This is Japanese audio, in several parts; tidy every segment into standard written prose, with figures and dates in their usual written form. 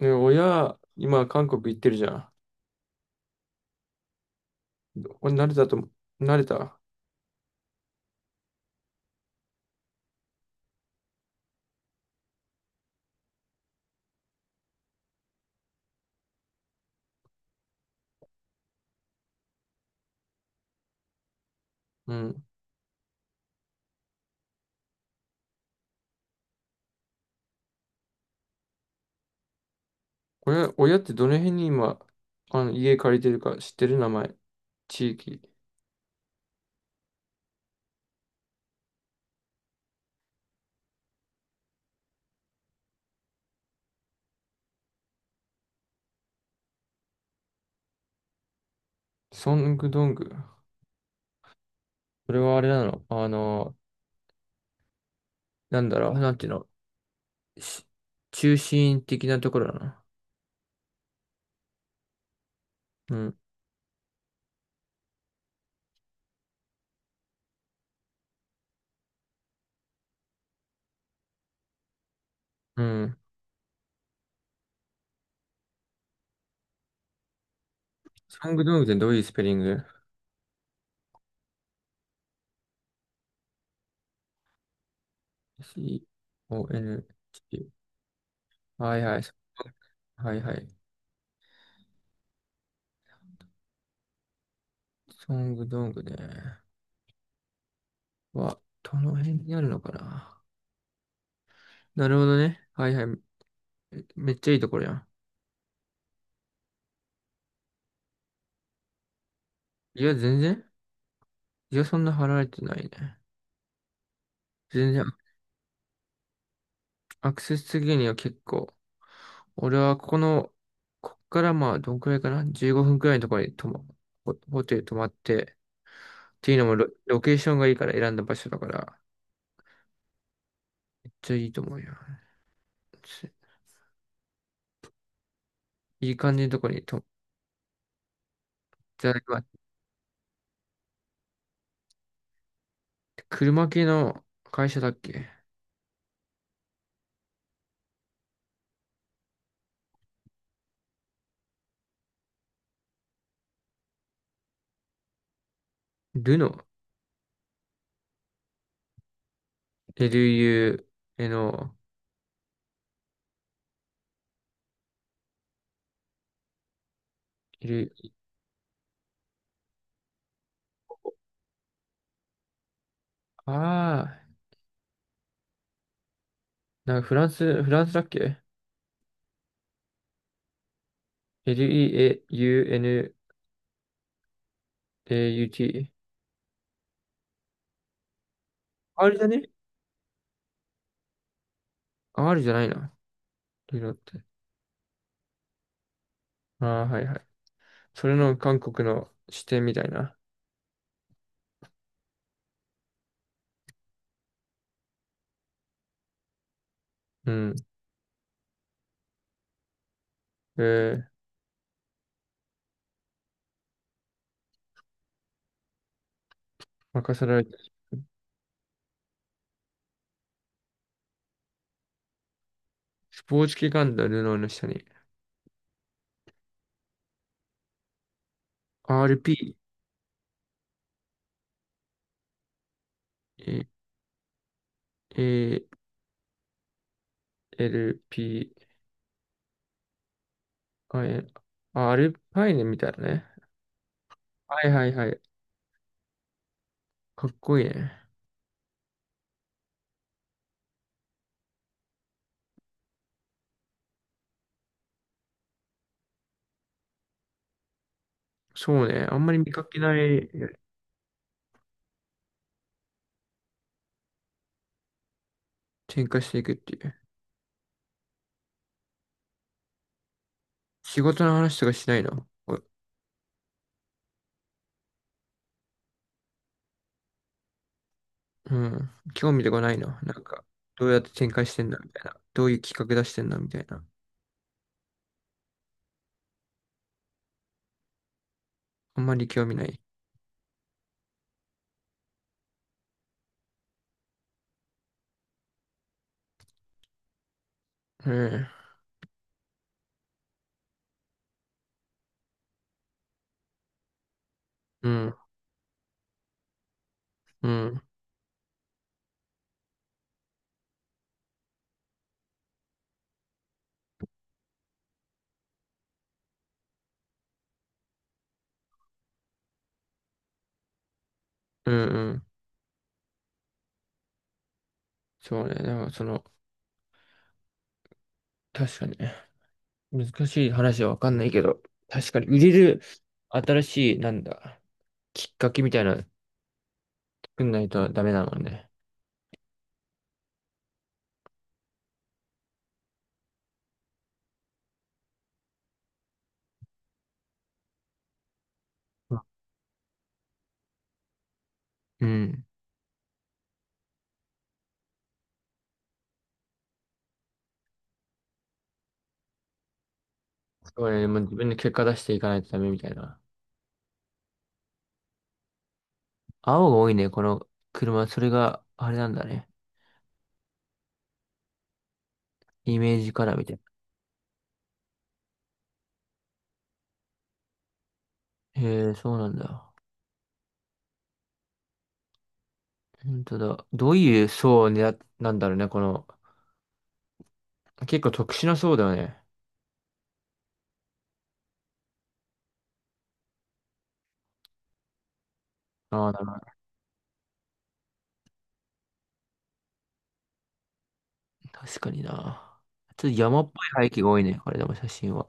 ね、親、今、韓国行ってるじゃん。これ慣れたと思う、慣れた。うん。親ってどの辺に今、家借りてるか知ってる？名前。地域。ソングドング。それはあれなの？なんだろう、なんていうの、し中心的なところだなの。うん。うん。ソングドングってどういうスペリング？ C-O-N-G。はいはい。はいはい。ソングドングね。は、どの辺にあるのかな？なるほどね。はいはい。めっちゃいいところやん。いや、全然。いや、そんな払われてないね。全然、アクセス的には結構。俺はここの、こっからまあ、どんくらいかな？ 15 分くらいのところにホテル泊まって、っていうのもロケーションがいいから選んだ場所だから、めっちゃいいと思うよ。すいい感じのところに泊まって、まあ車系の会社だっけ？ルノ、LU、えの、エル、ああ、なんかフランスだっけ？ L-E-A-U-N-A-U-T。R じゃね？ R じゃないな。リロって。ああ、はいはい。それの韓国の視点みたいな。うん。えー、任せられて。スポーツ機関のルノーの下に。RP、え ALP、IN、あ、アルパイネみたいなね。はいはいはい。かっこいいね。そうね。あんまり見かけない。展開していくっていう。仕事の話とかしないの？うん。興味とかないの？なんか、どうやって展開してんだみたいな。どういう企画出してんだみたいな。あんまり興味ない。うんうん、うん、うん、うん。そうね。なんかその、確かにね、難しい話はわかんないけど、確かに売れる新しい、なんだ、きっかけみたいなの作んないとダメなのね。うん。そうね。もう自分で結果出していかないとダメみたいな。青が多いね、この車。それがあれなんだね。イメージカラーみたいな。へえ、そうなんだ。本当だ。どういう層を狙っなんだろうね、この。結構特殊な層だよね。ああ、なるほど。確かにな。ちょっと山っぽい背景が多いね、これでも写真は。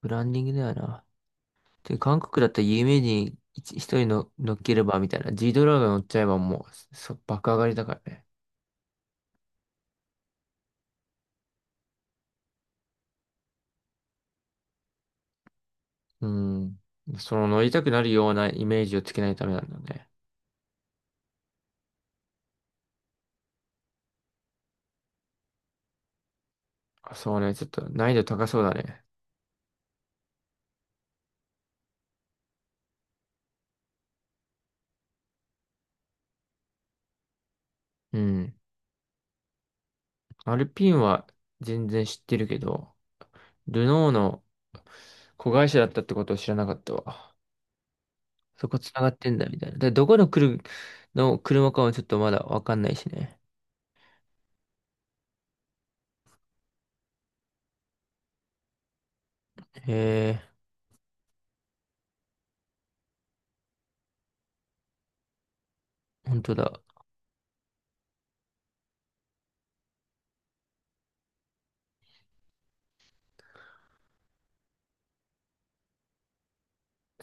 ブランディングだよな。で、韓国だったら有名人一人の乗っければみたいな。G ドラが乗っちゃえばもう、爆上がりだからね。うん。その乗りたくなるようなイメージをつけないためなんだね。あ、そうね、ちょっと難易度高そうだね。うん。アルピンは全然知ってるけど、ルノーの子会社だったってことを知らなかったわ。そこ繋がってんだみたいな。で、どこの車かもちょっとまだわかんないしね。へえ、本当だ。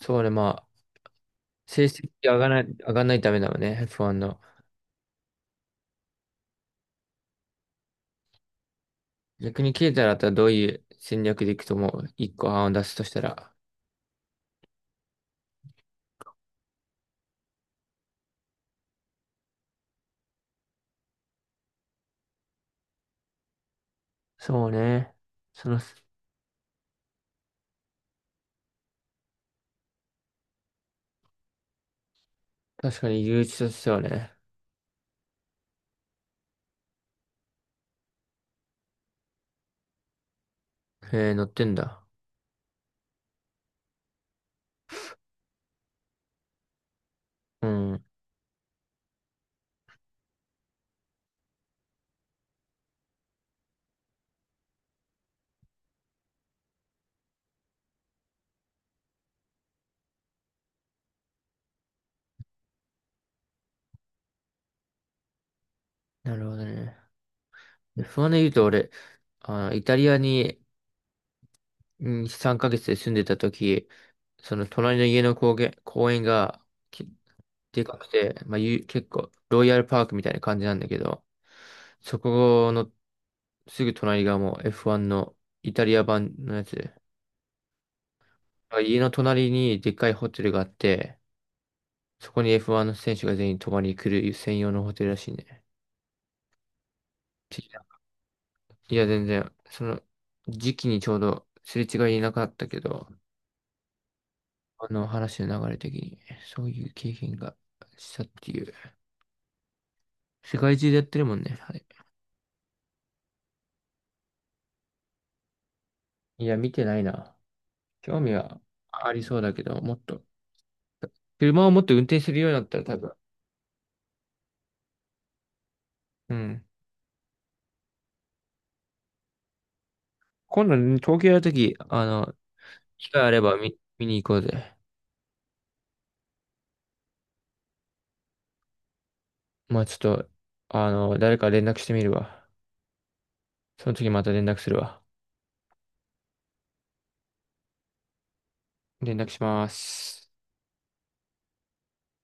そうね、まあ、成績上がらない、上がんないためだもんね、F1 の。逆にケイタだったらどういう戦略でいくと思う？一個案を出すとしたら。そうね。その、確かに誘致としてはね。へえ、乗ってんだ。うん。なるほどね。で不安で言うと、俺、イタリアに、うん、3ヶ月で住んでた時、その隣の家の公園が、きでかくて、まあ、結構、ロイヤルパークみたいな感じなんだけど、そこの、すぐ隣がもう F1 のイタリア版のやつで。家の隣にでっかいホテルがあって、そこに F1 の選手が全員泊まりに来る専用のホテルらしいね。いや、全然、その時期にちょうどすれ違いなかったけど、あの話の流れ的に、そういう経験がしたっていう。世界中でやってるもんね、あれ。いや、見てないな。興味はありそうだけど、もっと。車をもっと運転するようになったら多分。うん。今度、東京やるとき、機会あれば見に行こうぜ。まあちょっと、誰か連絡してみるわ。その時また連絡するわ。連絡します。